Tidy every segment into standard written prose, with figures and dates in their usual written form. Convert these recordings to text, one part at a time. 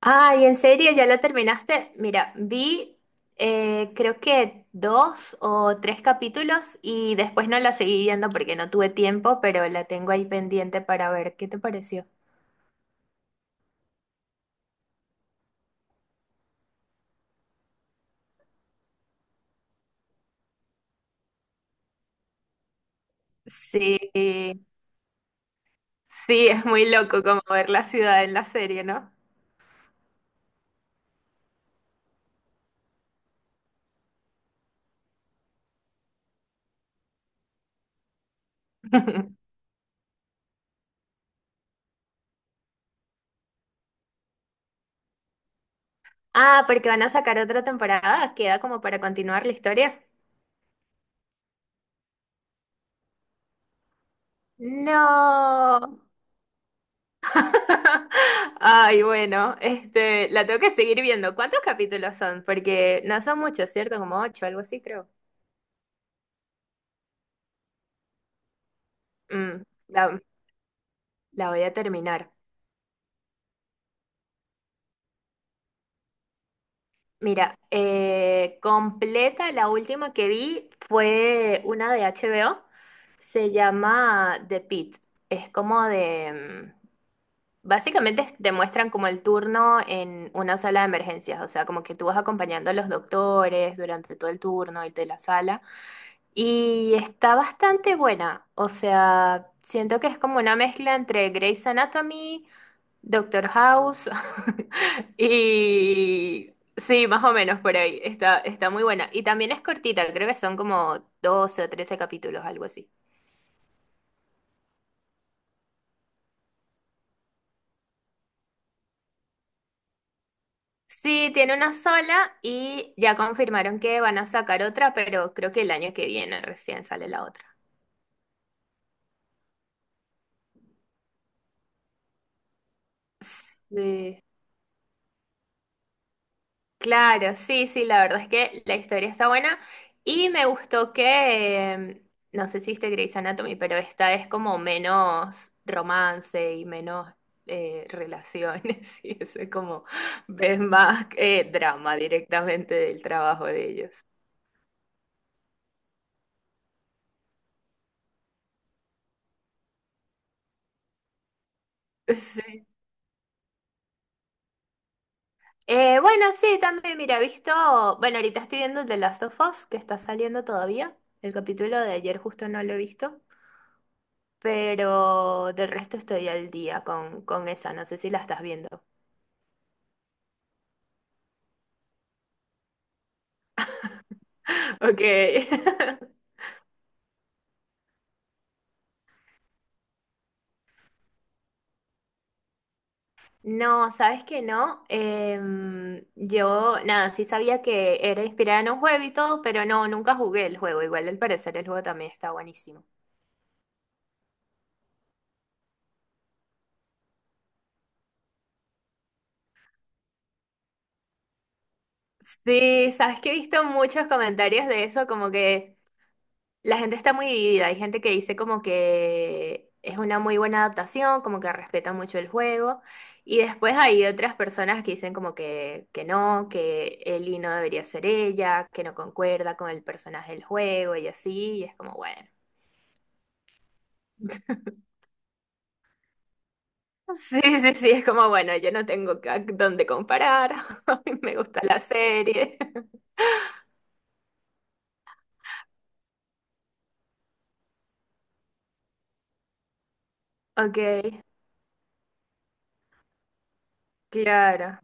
Ay, ¿en serio? ¿Ya la terminaste? Mira, vi creo que dos o tres capítulos y después no la seguí viendo porque no tuve tiempo, pero la tengo ahí pendiente para ver qué te pareció. Sí, sí, es muy loco como ver la ciudad en la serie, ¿no? Ah, porque van a sacar otra temporada, queda como para continuar la historia. No. Ay, bueno, la tengo que seguir viendo. ¿Cuántos capítulos son? Porque no son muchos, ¿cierto? Como ocho, algo así, creo. Mm, la, la voy a terminar. Mira, completa, la última que vi fue una de HBO. Se llama The Pit. Es como de... básicamente te muestran como el turno en una sala de emergencias, o sea, como que tú vas acompañando a los doctores durante todo el turno y de la sala. Y está bastante buena, o sea, siento que es como una mezcla entre Grey's Anatomy, Doctor House y... Sí, más o menos por ahí, está muy buena. Y también es cortita, creo que son como 12 o 13 capítulos, algo así. Sí, tiene una sola y ya confirmaron que van a sacar otra, pero creo que el año que viene recién sale la otra. Sí. Claro, sí, sí, la verdad es que la historia está buena y me gustó que, no sé si viste Grey's Anatomy, pero esta es como menos romance y menos relaciones y eso es como, ves más drama directamente del trabajo de ellos. Sí. Bueno, sí, también, mira, bueno, ahorita estoy viendo The Last of Us, que está saliendo todavía, el capítulo de ayer justo no lo he visto. Pero del resto estoy al día con esa, no sé si la estás viendo. Ok. No, ¿sabes que no? Yo, nada, sí sabía que era inspirada en un juego y todo, pero no, nunca jugué el juego. Igual al parecer el juego también está buenísimo. Sí, sabes que he visto muchos comentarios de eso, como que la gente está muy dividida. Hay gente que dice como que es una muy buena adaptación, como que respeta mucho el juego. Y después hay otras personas que dicen como que no, que Ellie no debería ser ella, que no concuerda con el personaje del juego y así. Y es como, bueno. Sí, sí, sí, es como, bueno, yo no tengo ca- dónde comparar. Me gusta la serie. Ok, claro.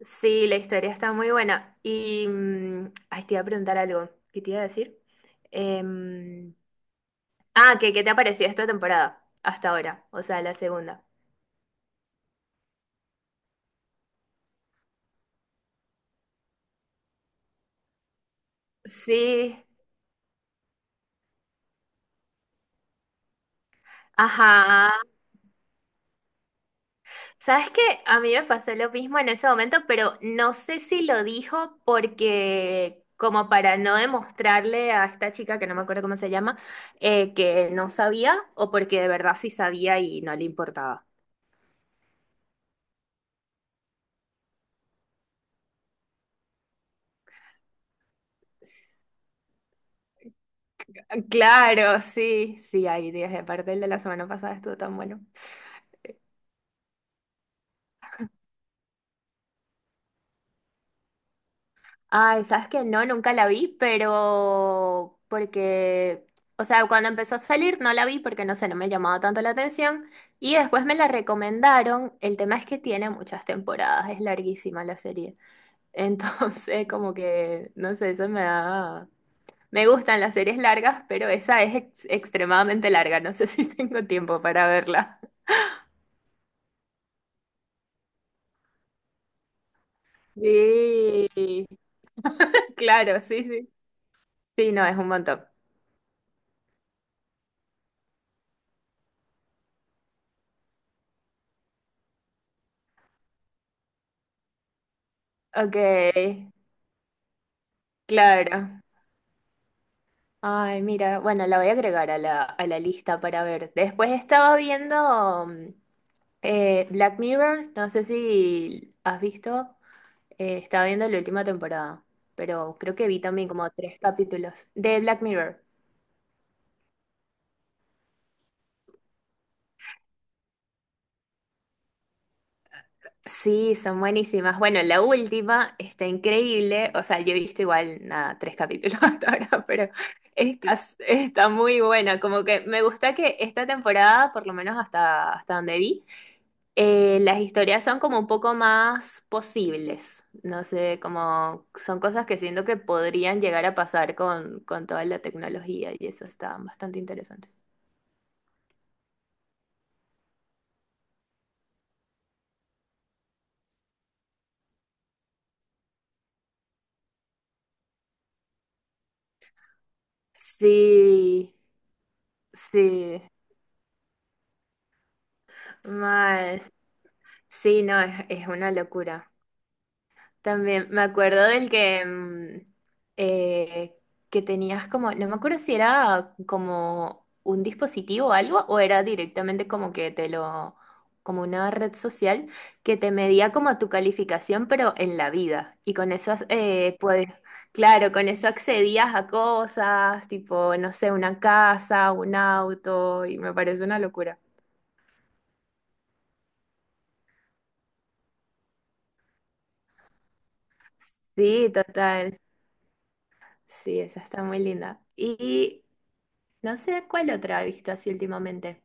Sí, la historia está muy buena. Y, mm, ay, te iba a preguntar algo. ¿Qué te iba a decir? Em, ah, ¿qué te ha parecido esta temporada hasta ahora? O sea, la segunda. Sí, ajá. ¿Sabes qué? A mí me pasó lo mismo en ese momento, pero no sé si lo dijo porque, como para no demostrarle a esta chica, que no me acuerdo cómo se llama, que no sabía o porque de verdad sí sabía y no le importaba. Claro, sí, sí, hay días. Y aparte el de la semana pasada estuvo tan bueno. Ay, sabes que no, nunca la vi, pero porque, o sea, cuando empezó a salir no la vi porque no sé, no me llamaba tanto la atención. Y después me la recomendaron. El tema es que tiene muchas temporadas, es larguísima la serie. Entonces, como que, no sé, eso me da... Me gustan las series largas, pero esa es ex- extremadamente larga. No sé si tengo tiempo para verla. Sí, claro, sí, sí. Sí, no, es un montón. Ok, claro. Ay, mira, bueno, la voy a agregar a a la lista para ver. Después estaba viendo Black Mirror, no sé si has visto. Estaba viendo la última temporada, pero creo que vi también como tres capítulos de Black Mirror. Sí, son buenísimas. Bueno, la última está increíble. O sea, yo he visto igual, nada, tres capítulos hasta ahora, pero está, está muy buena. Como que me gusta que esta temporada, por lo menos hasta donde vi, las historias son como un poco más posibles. No sé, como son cosas que siento que podrían llegar a pasar con toda la tecnología y eso está bastante interesante. Sí, sí, mal. Sí, no, es una locura. También me acuerdo del que, eh, que tenías como, no me acuerdo si era como un dispositivo o algo, o era directamente como que te lo, como una red social que te medía como tu calificación, pero en la vida. Y con eso, pues, claro, con eso accedías a cosas, tipo, no sé, una casa, un auto, y me parece una locura. Sí, total. Sí, esa está muy linda. Y no sé cuál otra he visto así últimamente.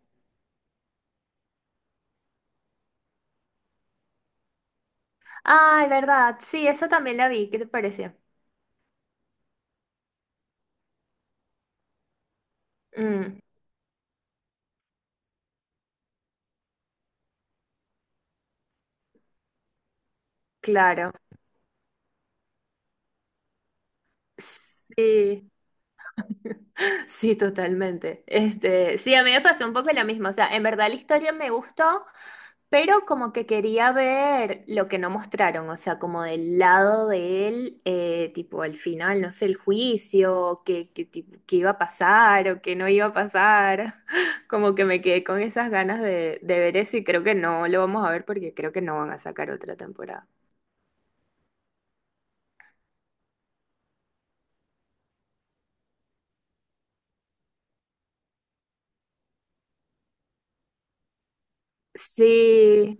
Ay, verdad. Sí, eso también la vi. ¿Qué te pareció? Mm, claro. Sí. Sí, totalmente. Este, sí, a mí me pasó un poco lo mismo. O sea, en verdad la historia me gustó, pero como que quería ver lo que no mostraron, o sea, como del lado de él, tipo al final, no sé, el juicio, qué iba a pasar o qué no iba a pasar. Como que me quedé con esas ganas de ver eso y creo que no lo vamos a ver porque creo que no van a sacar otra temporada. Sí,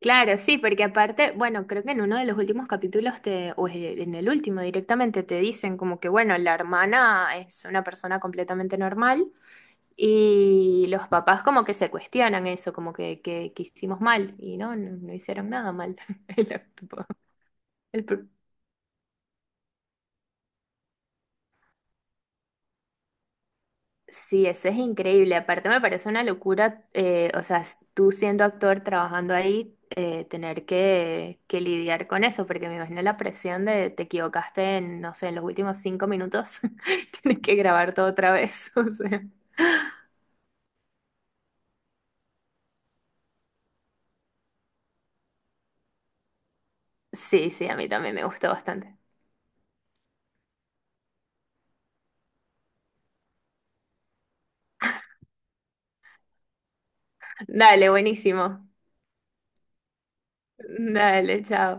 claro, sí, porque aparte, bueno, creo que en uno de los últimos capítulos en el último directamente te dicen como que, bueno, la hermana es una persona completamente normal. Y los papás como que se cuestionan eso, como que hicimos mal y no, no, no hicieron nada mal. El- tipo, el pro- Sí, eso es increíble. Aparte me parece una locura, o sea, s- tú siendo actor trabajando ahí, tener que lidiar con eso, porque me imagino la presión de te equivocaste en, no sé, en los últimos 5 minutos, tienes que grabar todo otra vez. O sea, sí, sí, a mí también me gustó bastante. Dale, buenísimo. Dale, chao.